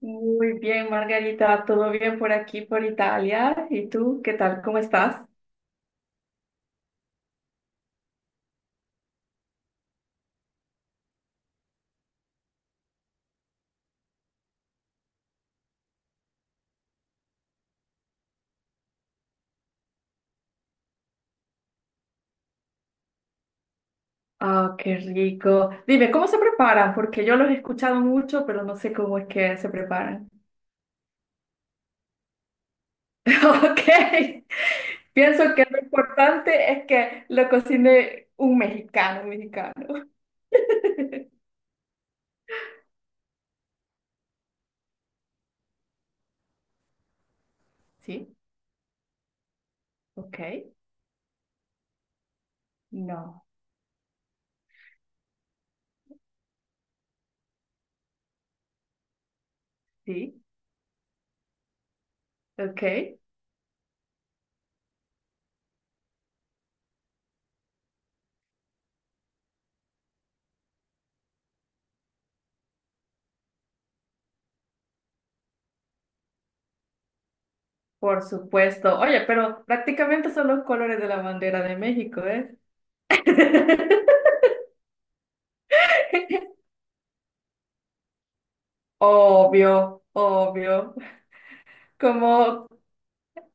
Muy bien, Margarita, todo bien por aquí, por Italia. ¿Y tú, qué tal? ¿Cómo estás? Ah, qué rico. Dime, ¿cómo se preparan? Porque yo los he escuchado mucho, pero no sé cómo es que se preparan. Ok, pienso que lo importante es que lo cocine un mexicano, un mexicano. Sí, ok, no, sí, ok, por supuesto. Oye, pero prácticamente son los colores de la bandera de México, ¿eh? Obvio, obvio. Como,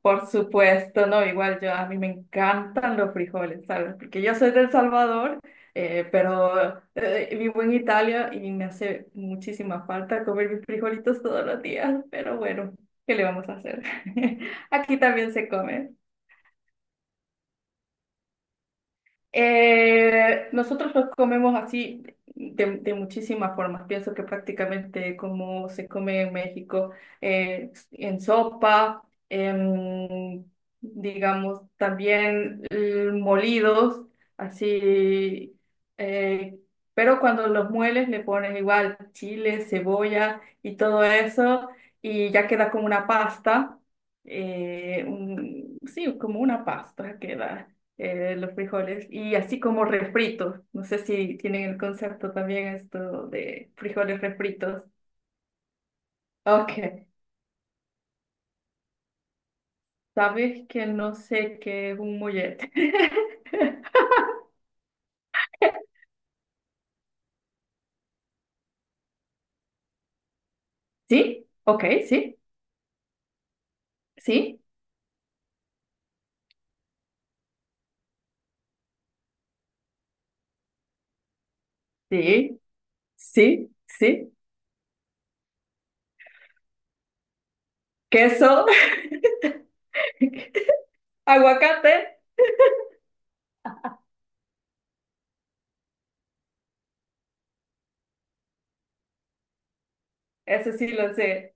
por supuesto, no, igual yo, a mí me encantan los frijoles, ¿sabes? Porque yo soy del Salvador, pero vivo en Italia y me hace muchísima falta comer mis frijolitos todos los días, pero bueno, ¿qué le vamos a hacer? Aquí también se come. Nosotros los comemos así de muchísimas formas. Pienso que prácticamente como se come en México, en sopa, en, digamos, también molidos, así. eh, pero cuando los mueles le pones igual chile, cebolla y todo eso, y ya queda como una pasta. Sí, como una pasta queda los frijoles, y así como refritos. No sé si tienen el concepto también esto de frijoles refritos. Ok, sabes que no sé qué es un mollete. ¿Sí? Ok, sí, sí, sí, sí, sí. Queso. Aguacate, eso sí lo sé.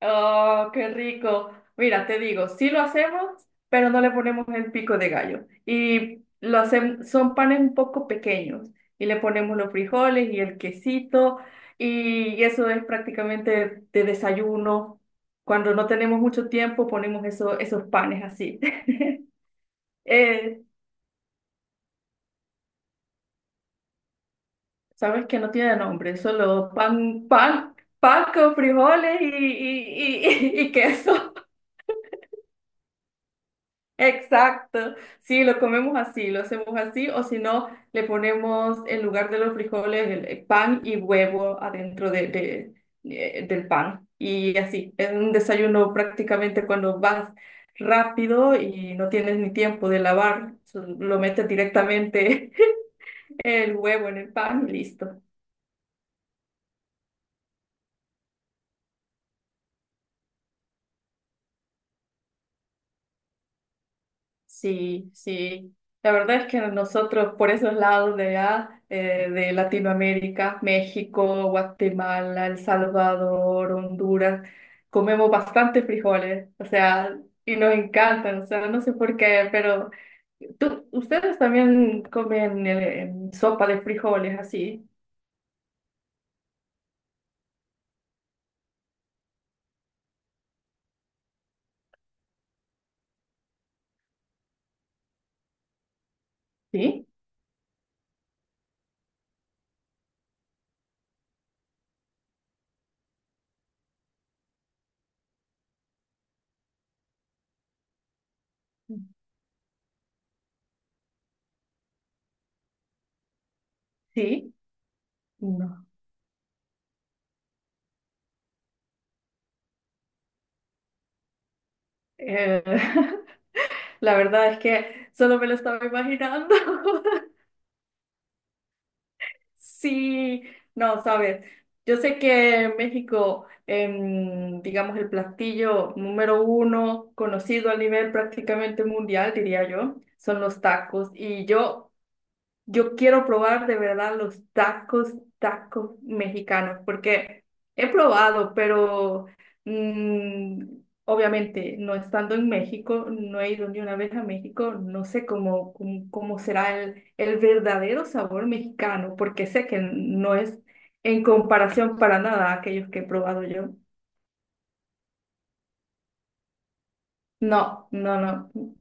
Oh, qué rico. Mira, te digo, sí lo hacemos, pero no le ponemos el pico de gallo. Y lo hacemos, son panes un poco pequeños y le ponemos los frijoles y el quesito y eso es prácticamente de desayuno. Cuando no tenemos mucho tiempo, ponemos eso, esos panes así. Eh, sabes que no tiene nombre, solo pan con frijoles y y queso. Exacto, sí, lo comemos así, lo hacemos así, o si no, le ponemos en lugar de los frijoles el pan y huevo adentro del pan. Y así, es un desayuno prácticamente cuando vas rápido y no tienes ni tiempo de lavar, lo metes directamente el huevo en el pan y listo. Sí, sí. La verdad es que nosotros por esos lados de allá, de Latinoamérica, México, Guatemala, El Salvador, Honduras, comemos bastante frijoles, o sea, y nos encantan, o sea, no sé por qué, pero ustedes también comen sopa de frijoles así, ¿sí? Sí, no. Eh, la verdad es que solo me lo estaba imaginando. Sí, no, sabes, yo sé que en México, em, digamos, el platillo número uno conocido a nivel prácticamente mundial, diría yo, son los tacos. Y yo quiero probar de verdad los tacos, tacos mexicanos, porque he probado, pero mm, obviamente no estando en México, no he ido ni una vez a México, no sé cómo será el verdadero sabor mexicano, porque sé que no es en comparación para nada a aquellos que he probado yo. No, no, no.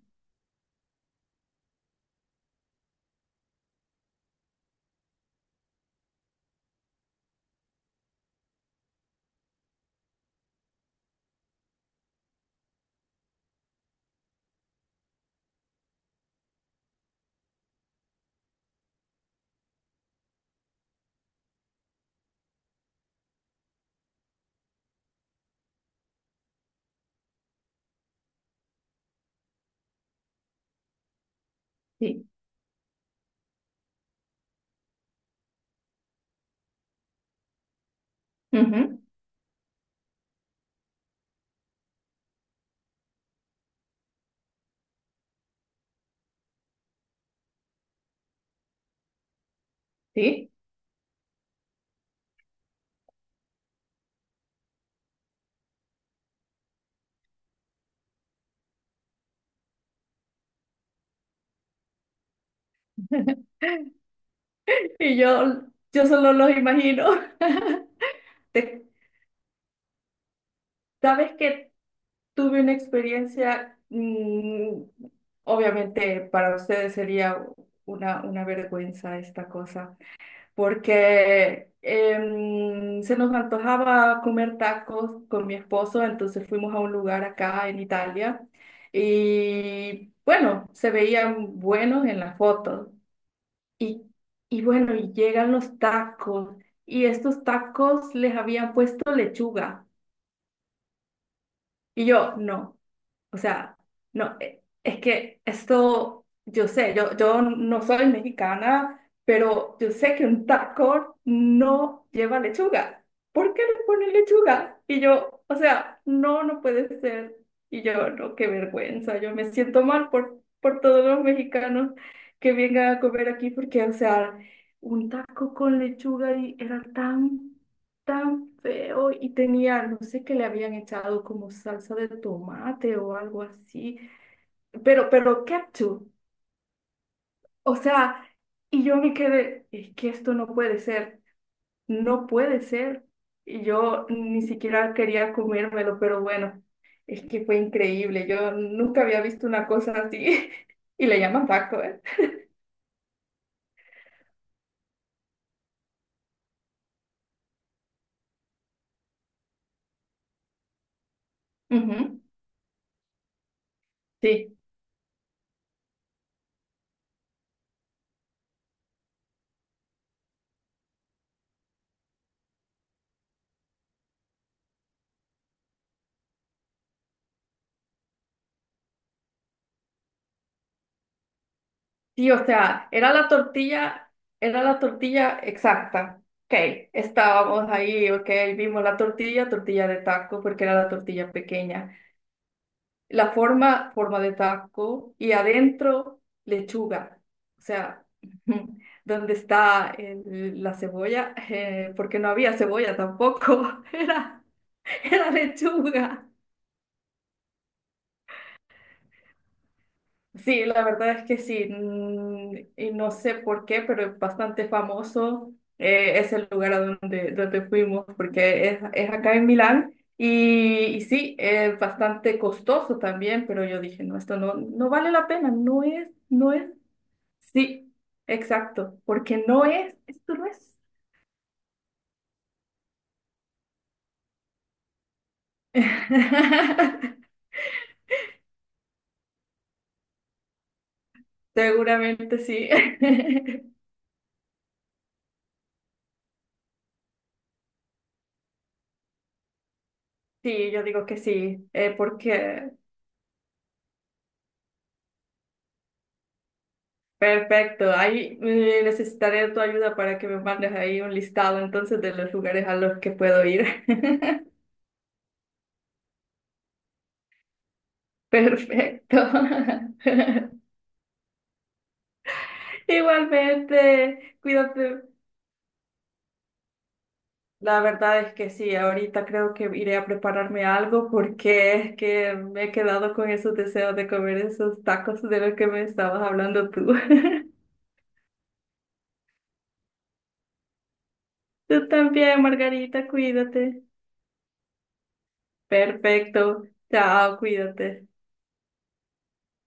Sí. Ujú. Sí. Y yo, yo solo los imagino. Te- ¿Sabes qué? Tuve una experiencia, mm, obviamente para ustedes sería una vergüenza esta cosa, porque em, se nos antojaba comer tacos con mi esposo, entonces fuimos a un lugar acá en Italia y bueno, se veían buenos en las fotos. Y, bueno, y llegan los tacos y estos tacos les habían puesto lechuga y yo no. O sea, no, es que esto, yo sé, yo no soy mexicana, pero yo sé que un taco no lleva lechuga. ¿Por qué le ponen lechuga? Y yo, o sea, no, no puede ser. Y yo, no, qué vergüenza, yo me siento mal por todos los mexicanos que vengan a comer aquí, porque, o sea, un taco con lechuga y era tan tan feo y tenía, no sé qué le habían echado como salsa de tomate o algo así, pero ketchup, o sea, y yo me quedé, es que esto no puede ser, no puede ser, y yo ni siquiera quería comérmelo, pero bueno, es que fue increíble, yo nunca había visto una cosa así, y le llaman taco, ¿eh? Ujú. Sí. Sí, o sea, era la tortilla exacta. Ok, estábamos ahí, ok, vimos la tortilla, tortilla de taco, porque era la tortilla pequeña. La forma de taco, y adentro, lechuga. O sea, ¿donde está la cebolla? Porque no había cebolla tampoco, era, era lechuga. Sí, la verdad es que sí, mm, y no sé por qué, pero es bastante famoso es el lugar donde fuimos, porque es acá en Milán, sí, es bastante costoso también, pero yo dije, no, esto no, no vale la pena, no es, sí, exacto, porque no es, esto no es. Seguramente sí. Sí, yo digo que sí, porque Perfecto, ahí necesitaré tu ayuda para que me mandes ahí un listado entonces de los lugares a los que puedo ir. Perfecto. Igualmente, cuídate. La verdad es que sí, ahorita creo que iré a prepararme algo porque es que me he quedado con esos deseos de comer esos tacos de los que me estabas hablando tú. Tú también, Margarita, cuídate. Perfecto. Chao, cuídate.